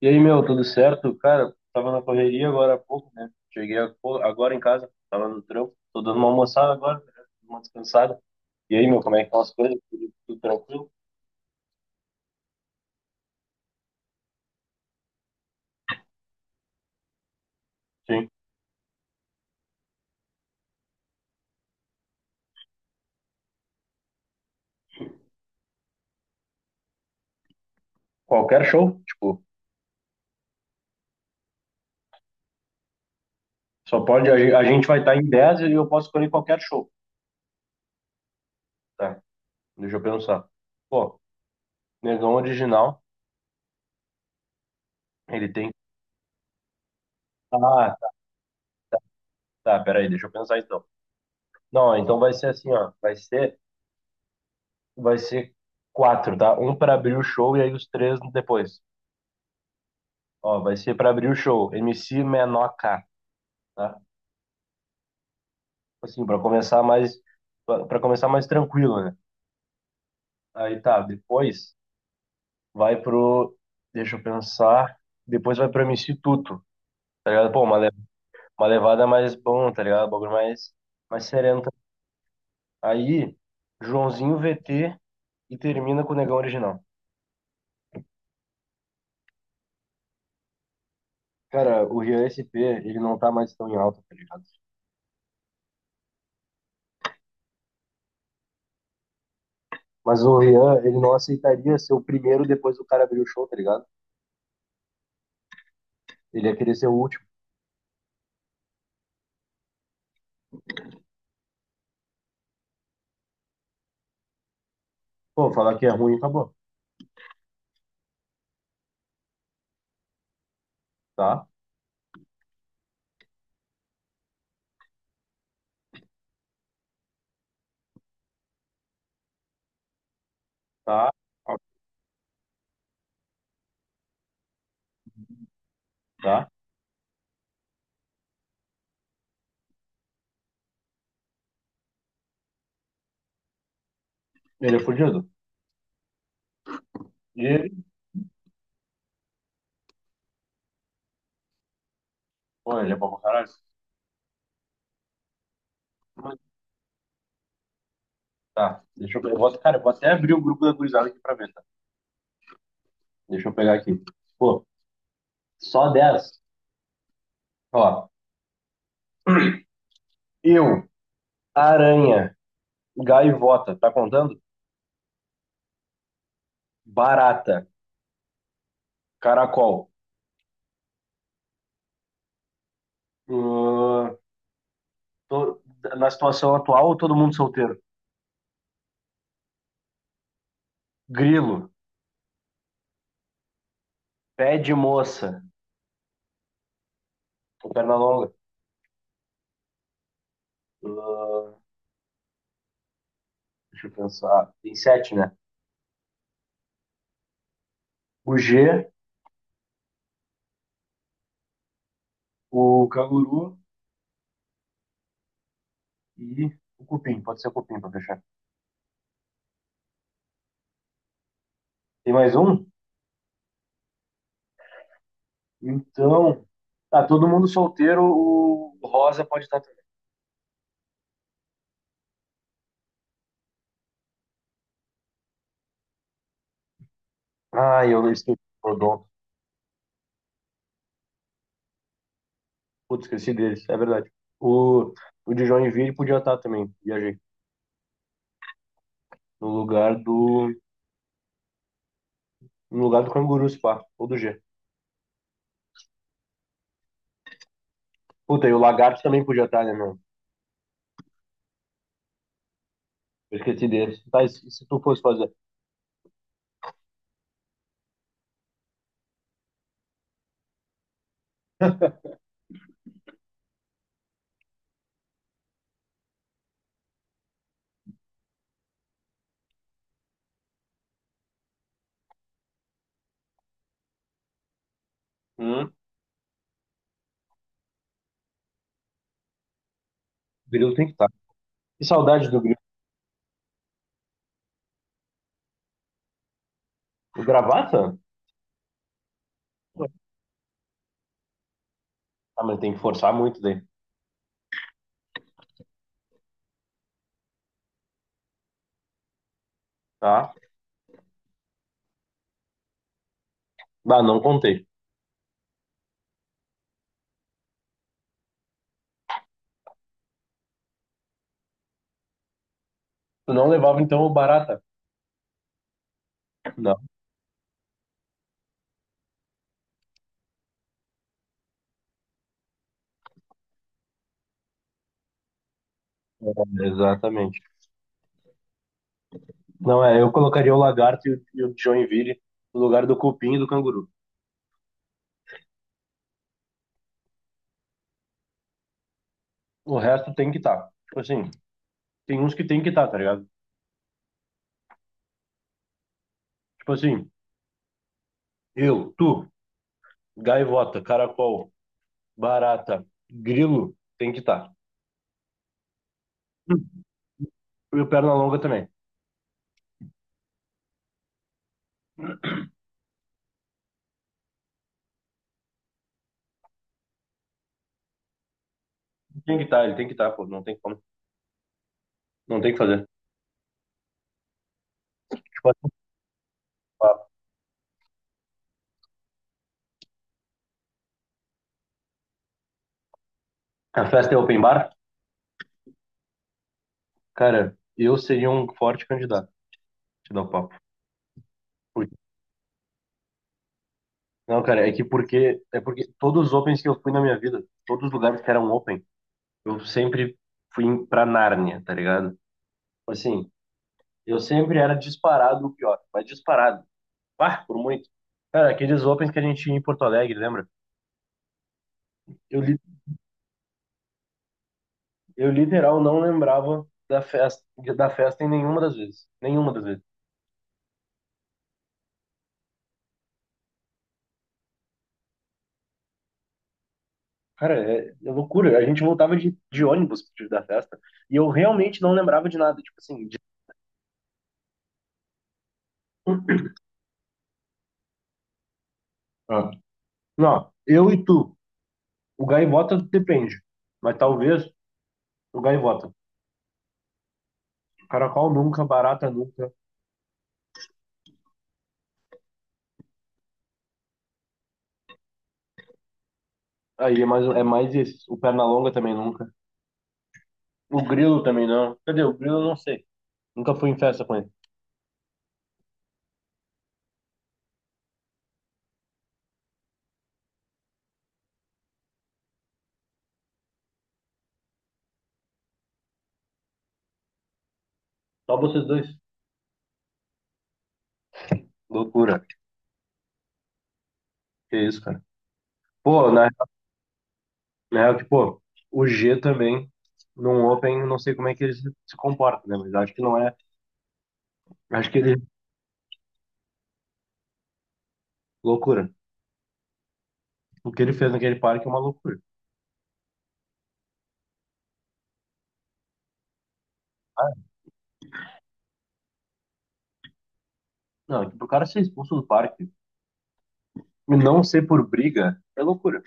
E aí, meu, tudo certo? Cara, tava na correria agora há pouco, né? Cheguei a- pô, agora em casa, tava no trampo, tô dando uma almoçada agora, né? Uma descansada. E aí, meu, como é que estão as coisas? Tudo tranquilo? Sim. Qualquer show, tipo, só pode, a, gen- a gente vai estar em 10 e eu posso escolher qualquer show, tá? Deixa eu pensar. Pô, Negão Original, ele tem... Ah, tá, peraí, deixa eu pensar então. Não, então vai ser assim, ó, vai ser quatro, tá? Um para abrir o show e aí os três depois. Ó, vai ser para abrir o show, MC Menor K, tá? Tipo assim, para começar mais tranquilo, né? Aí tá, depois vai pro deixa eu pensar, depois vai pro MC Tuto, tá ligado? Pô, uma, le- uma levada mais bom, tá ligado? Um bagulho mais sereno. Tá? Aí Joãozinho VT e termina com o Negão Original. Cara, o Rian SP, ele não tá mais tão em alta, tá ligado? Mas o Rian, ele não aceitaria ser o primeiro depois do cara abrir o show, tá ligado? Ele ia querer ser o último. Pô, falar que é ruim, acabou. Tá, tá, ó, tá. Ele é fudido. E ele, pô, ele é bom pra caralho. Tá, deixa eu pegar. Eu vou, cara, eu vou até abrir o grupo da gurizada aqui pra ver, tá? Deixa eu pegar aqui. Pô, só dez. Ó, eu, aranha, gaivota, tá contando? Barata, caracol. Ahn, tô- na situação atual, todo mundo solteiro. Grilo, pé de moça, perna longa. Ahn, deixa eu pensar. Tem sete, né? O G, o canguru e o cupim. Pode ser o cupim para fechar. Tem mais um? Então, tá, todo mundo solteiro, o rosa pode estar também. Ah, eu esqueci o odonto. Putz, esqueci deles, é verdade. O, o de Joinville podia estar também, viajei. No lugar do, no lugar do canguru, spa ou do G. Puta, e o lagarto também podia estar, né, mano? Eu esqueci deles. Tá, e se tu fosse fazer? Hum, grilo tem que estar. Que saudade do grilo. O gravata? Ah, mas tem que forçar muito daí, tá? Ah, não contei. Tu não levava então o Barata? Não, é, exatamente. Não, é, eu colocaria o Lagarto e o Joinville no lugar do Cupim e do Canguru. O resto tem que estar. Tipo assim, tem uns que tem que estar, tá ligado? Tipo assim, eu, tu, Gaivota, Caracol, Barata, Grilo, tem que estar. E o Pernalonga também. Tem que estar, ele tem que estar, pô, não tem como. Não tem o que fazer. Tipo assim, a festa é open bar? Cara, eu seria um forte candidato, te dá o papo. Porque não, cara, é que porque é porque todos os opens que eu fui na minha vida, todos os lugares que eram open, eu sempre fui em- pra Nárnia, tá ligado? Assim, eu sempre era disparado o pior, mas disparado. Ah, por muito. Cara, aqueles opens que a gente ia em Porto Alegre, lembra? Eu, li- eu literal não lembrava da festa em nenhuma das vezes. Nenhuma das vezes. Cara, é, é loucura. A gente voltava de ônibus da festa e eu realmente não lembrava de nada. Tipo assim, de- Ah. Não, eu e tu. O gaivota depende, mas talvez o gaivota. Caracol nunca, barata nunca. Aí é mais isso. O perna longa também nunca. O grilo também não. Cadê? O grilo eu não sei. Nunca fui em festa com ele. Só vocês dois. Loucura. Que isso, cara. Pô, na na real, que, pô, o G também, num Open, não sei como é que ele se comporta, né? Mas acho que não é. Acho que ele. Loucura. O que ele fez naquele parque é uma loucura. Não, é que o cara ser expulso do parque e não ser por briga é loucura.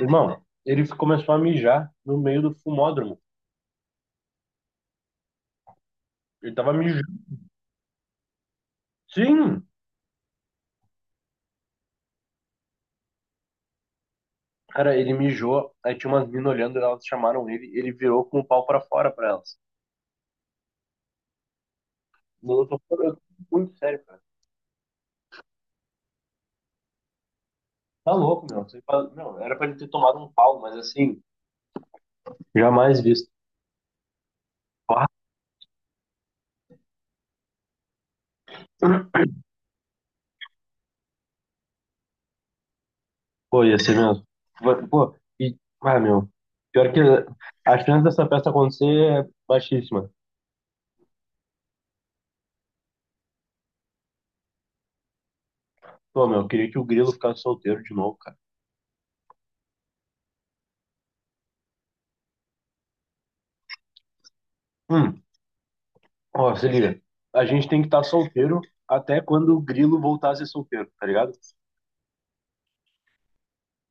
Irmão, ele começou a mijar no meio do fumódromo. Ele tava mijando. Sim! Cara, ele mijou, aí tinha umas meninas olhando, elas chamaram ele, ele virou com o pau pra fora pra elas. Não, eu tô muito sério, cara. Tá louco, meu. Você fala- meu, era pra ele ter tomado um pau, mas assim, jamais visto. Ah, pô, ia ser mesmo. Pô, e, ah, meu, pior que a chance dessa festa acontecer é baixíssima. Pô, meu, eu queria que o Grilo ficasse solteiro de novo, cara. Hum. Ó, se liga, a gente tem que estar solteiro até quando o Grilo voltar a ser solteiro, tá ligado?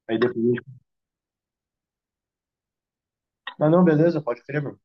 Aí depois a gente... Ah, não, beleza, pode crer, meu.